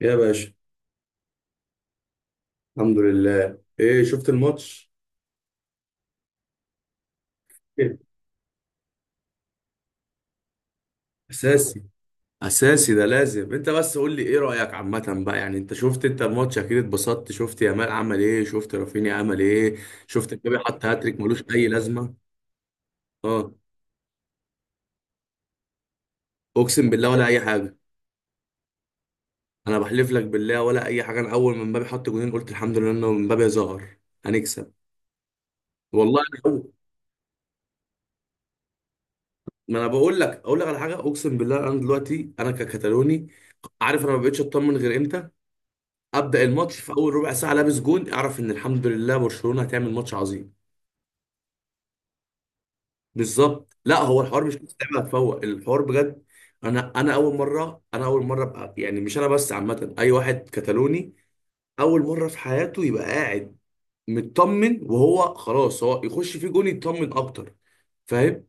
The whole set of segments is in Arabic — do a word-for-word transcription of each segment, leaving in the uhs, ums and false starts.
يا باشا. الحمد لله، ايه شفت الماتش؟ إيه؟ اساسي، اساسي ده لازم انت بس قول لي ايه رايك عامه بقى، يعني انت شفت، انت الماتش اكيد اتبسطت، شفت يامال عمل ايه، شفت رافينيا عمل ايه، شفت مبابي حط هاتريك ملوش اي لازمه. اه، اقسم بالله ولا اي حاجه. انا بحلف لك بالله ولا اي حاجه، انا اول ما مبابي حط جونين قلت الحمد لله انه مبابي ظهر، هنكسب. والله انا أول. ما انا بقول لك اقول لك على حاجه، اقسم بالله، انا دلوقتي انا ككتالوني، عارف انا ما بقتش اطمن غير امتى؟ ابدا، الماتش في اول ربع ساعه لابس جون اعرف ان الحمد لله برشلونه هتعمل ماتش عظيم. بالظبط، لا هو الحوار مش بس لعبه هتفوق، الحوار بجد. انا انا اول مره انا اول مره ابقى، يعني مش انا بس، عامه اي واحد كتالوني اول مره في حياته يبقى قاعد مطمن، وهو خلاص هو يخش فيه جون يطمن اكتر. فاهم؟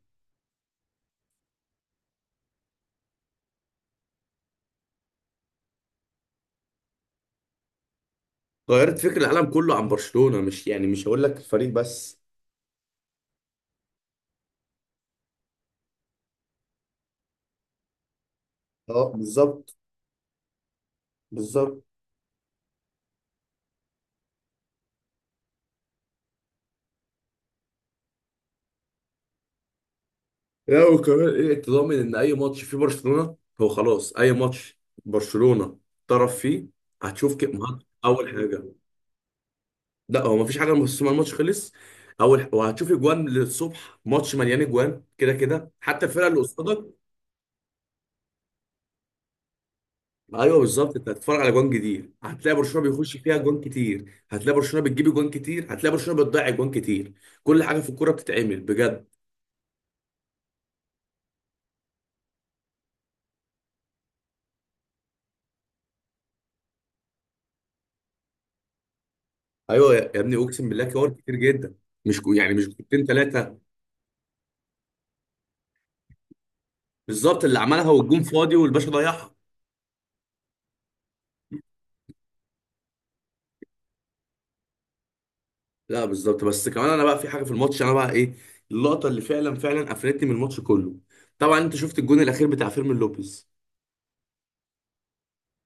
غيرت فكر العالم كله عن برشلونه، مش يعني مش هقول لك الفريق بس. اه بالظبط، بالظبط. لا وكمان ايه، انت ضامن ان اي ماتش فيه برشلونه هو خلاص، اي ماتش برشلونه طرف فيه هتشوف كده. اول حاجه، لا هو مفيش حاجه بس ما الماتش خلص، اول ح- وهتشوف اجوان للصبح، ماتش مليان اجوان كده كده حتى الفرقه اللي قصادك. ايوه بالظبط، انت هتتفرج على اجوان جديد، هتلاقي برشلونه بيخش فيها اجوان كتير، هتلاقي برشلونه بتجيب اجوان كتير، هتلاقي برشلونه بتضيع اجوان كتير. كل حاجه في الكوره بتتعمل بجد. ايوه يا يا ابني، اقسم بالله كور كتير جدا. مش كو- يعني مش كورتين ثلاثه. بالظبط، اللي عملها والجون فاضي والباشا ضيعها. لا بالظبط، بس كمان انا بقى في حاجه في الماتش انا بقى ايه، اللقطه اللي فعلا فعلا قفلتني من الماتش كله. طبعا انت شفت الجون الاخير بتاع فيرمين لوبيز،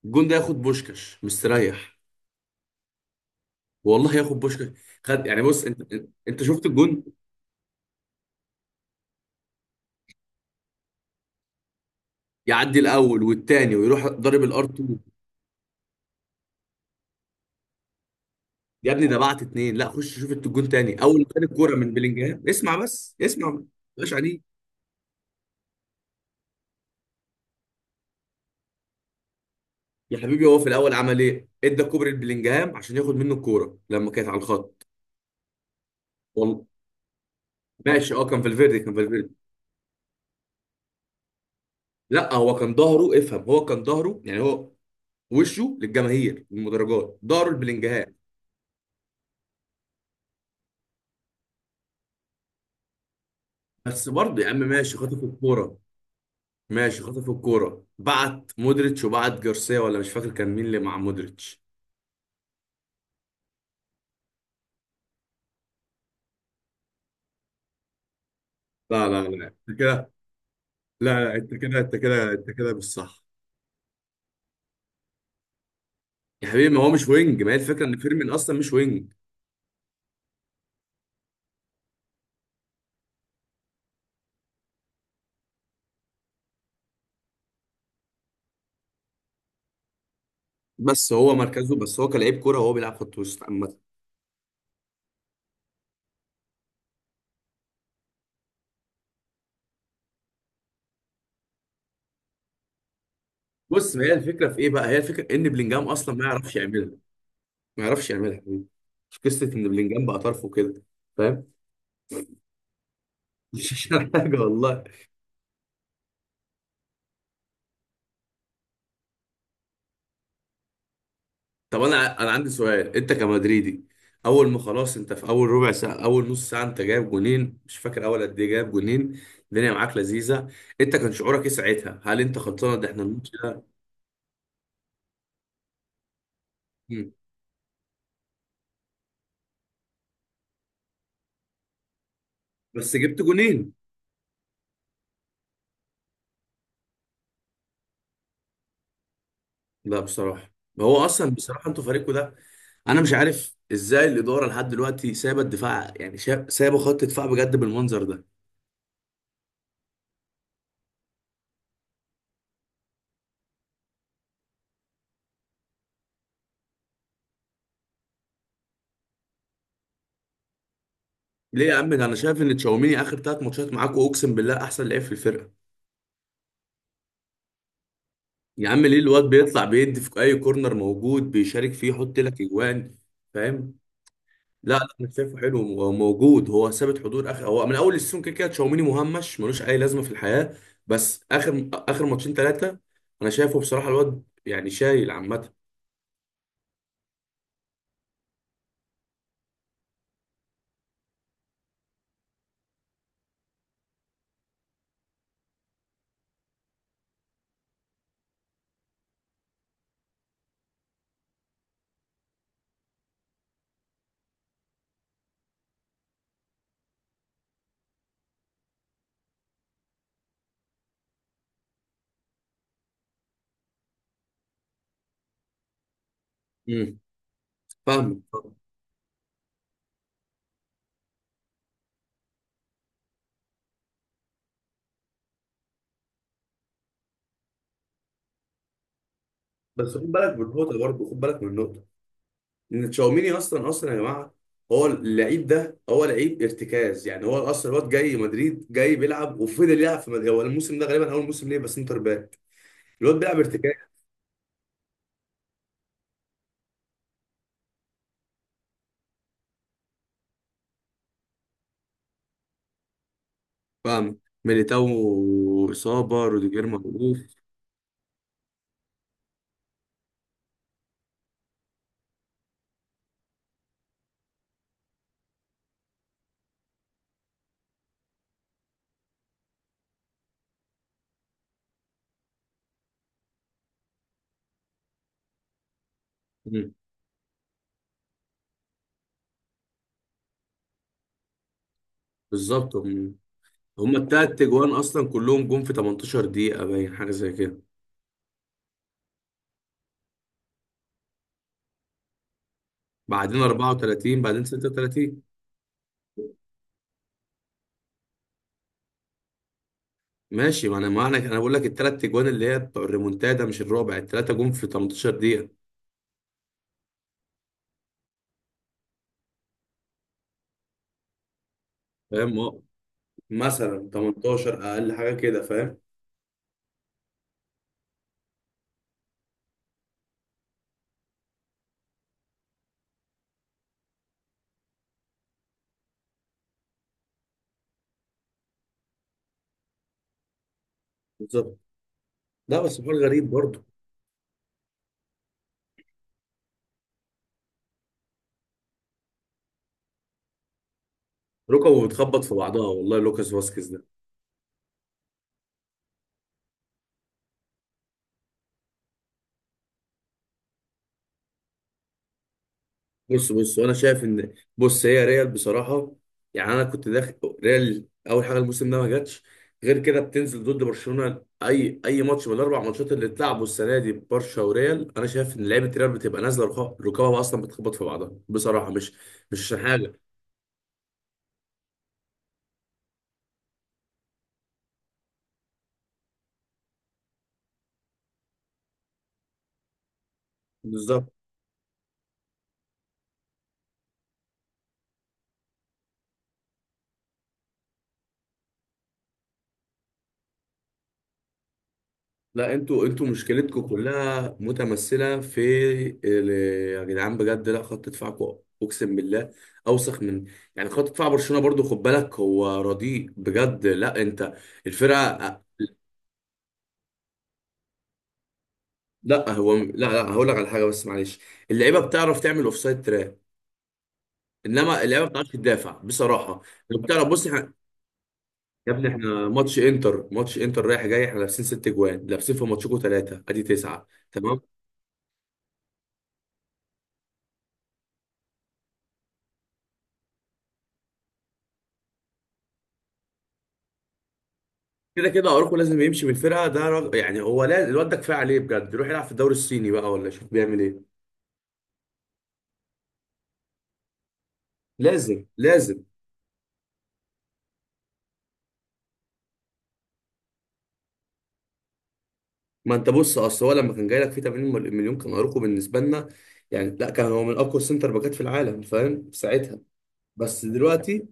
الجون ده ياخد بوشكاش مستريح. والله ياخد بوشكاش. خد يعني، بص انت، انت شفت الجون يعدي الاول والتاني ويروح ضارب الار اتنين. يا ابني ده بعت اتنين. لا خش شوف الجون تاني، اول ما كان الكوره من بلينجهام، اسمع بس اسمع، مش عليه. يا حبيبي هو في الاول عمل ايه، ادى كوبري لبلينجهام عشان ياخد منه الكوره لما كانت على الخط. ماشي اه، كان فالفيردي كان فالفيردي. لا هو كان ظهره، افهم، هو كان ظهره، يعني هو وشه للجماهير المدرجات ظهره لبلينجهام. بس برضه يا عم ماشي خطف الكوره، ماشي خطف الكوره بعت مودريتش وبعت جارسيا، ولا مش فاكر كان مين اللي مع مودريتش. لا لا لا انت كده لا لا انت كده انت كده انت كده مش صح. يا حبيبي ما هو مش وينج، ما هي الفكره ان فيرمين اصلا مش وينج. بس هو مركزه، بس هو كلاعب كوره هو بيلعب خط وسط عامه. بص، ما هي الفكره في ايه بقى، هي الفكره ان بلينجهام اصلا ما يعرفش يعملها، ما يعرفش يعملها يا حبيبي، مش قصه ان بلينجهام بقى طرف وكده. فاهم؟ مش عشان حاجه والله. طب انا انا عندي سؤال، انت كمدريدي اول ما خلاص انت في اول ربع ساعه، اول نص ساعه انت جايب جونين، مش فاكر اول قد ايه جايب جونين، الدنيا معاك لذيذه، انت كان شعورك ايه ساعتها، هل انت خلصان ده احنا الماتش ده؟ مم. بس جبت جونين. لا بصراحه، ما هو اصلا بصراحه انتوا فريقكم ده، انا مش عارف ازاي الاداره لحد دلوقتي سايبه الدفاع، يعني شا- سايبه خط دفاع بجد بالمنظر ده. ليه يا عم، ده انا شايف ان تشاوميني اخر ثلاث ماتشات معاكوا اقسم بالله احسن لعيب في الفرقه. يا عم ليه الواد بيطلع بيدي في اي كورنر موجود بيشارك فيه يحط لك اجوان. فاهم؟ لا لا، انا شايفه حلو وموجود، هو ثابت حضور اخر، هو من اول السيزون كده كده تشاوميني مهمش ملوش اي لازمه في الحياه، بس اخر اخر ماتشين ثلاثه انا شايفه بصراحه الواد يعني شايل عامه. امم. فاهم، فاهم. بس خد بالك من النقطه برضه، خد بالك من النقطه ان تشاوميني اصلا اصلا يا جماعه، هو اللعيب ده هو لعيب ارتكاز، يعني هو اصلا الواد جاي مدريد، جاي بيلعب وفضل يلعب في مدريد، هو الموسم ده غالبا اول موسم ليه بس سنتر باك، الواد بيلعب ارتكاز. فاهم؟ ميليتاو اصابه، روديجير موقوف. مم. بالظبط، هم هم التلات تجوان اصلا كلهم جم في تمنتاشر دقيقه باين حاجه زي كده، بعدين اربعة وثلاثين بعدين ستة وثلاثين. ماشي، ما انا ما انا أنا بقول لك التلات تجوان اللي هي بتوع الريمونتادا مش الرابع، التلاته جم في تمنتاشر دقيقه. فاهم؟ مثلا تمنتاشر اقل حاجه كده. فاهم؟ بالظبط. لا بس حوار غريب برضه. ركبه بتخبط في بعضها والله، لوكاس فاسكيز ده. بص بص، وانا شايف ان بص هي ريال بصراحه، يعني انا كنت داخل ريال اول حاجه الموسم ده ما جاتش غير كده بتنزل ضد برشلونه، اي اي ماتش من الاربع ماتشات اللي اتلعبوا السنه دي ببرشا وريال انا شايف ان لعيبه ريال بتبقى نازله ركبها ركبها اصلا بتخبط في بعضها بصراحه، مش مش عشان حاجه. بالظبط. لا انتوا انتوا مشكلتكم كلها متمثله في ال- يا جدعان بجد، لا خط دفاعكم اقسم بالله اوسخ من، يعني خط دفاع برشلونه برضو خد بالك هو رديء بجد، لا انت الفرقه. لا هو لا لا هقول لك على حاجه بس معلش، اللعيبه بتعرف تعمل اوفسايد تراب، انما اللعيبه ما بتعرفش تدافع بصراحه. لو بتعرف بص احنا، يا ابني احنا ماتش انتر، ماتش انتر رايح جاي احنا لابسين ست جوان، لابسين في ماتشكم ثلاثه ادي تسعه، تمام؟ كده كده اروخو لازم يمشي من الفرقه، ده رج... يعني هو لازم، الواد ده كفايه عليه بجد، يروح يلعب في الدوري الصيني بقى، ولا شوف بيعمل ايه. لازم لازم. ما انت بص، اصل هو لما كان جاي لك فيه تمانين مل- مليون كان اروخو بالنسبه لنا يعني، لا كان هو من اقوى السنتر باكات في العالم فاهم في ساعتها. بس دلوقتي،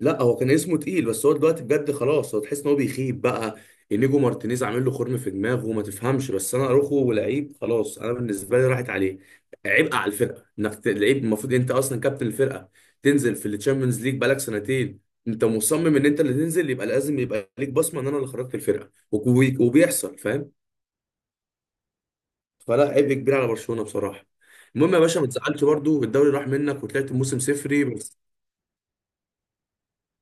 لا هو كان اسمه تقيل بس هو دلوقتي بجد خلاص هو تحس ان هو بيخيب بقى، انيجو مارتينيز عامل له خرم في دماغه ما تفهمش، بس انا اروخو لعيب خلاص، انا بالنسبه لي راحت عليه، عبء على الفرقه، انك ت- لعيب المفروض انت اصلا كابتن الفرقه تنزل في التشامبيونز ليج بقالك سنتين، انت مصمم ان انت اللي تنزل يبقى لازم يبقى ليك بصمه ان انا اللي خرجت الفرقه وك- وبيحصل. فاهم؟ فلا، عبء كبير على برشلونه بصراحه. المهم يا باشا، ما تزعلش برضو الدوري راح منك وطلعت الموسم صفري بس.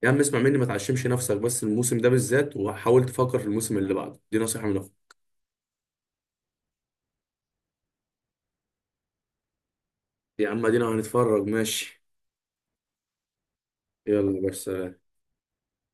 يا عم اسمع مني، ما تعشمش نفسك بس الموسم ده بالذات، وحاول تفكر في الموسم اللي بعده، دي نصيحة من اخوك. يا عم ادينا هنتفرج ماشي. يلا بس.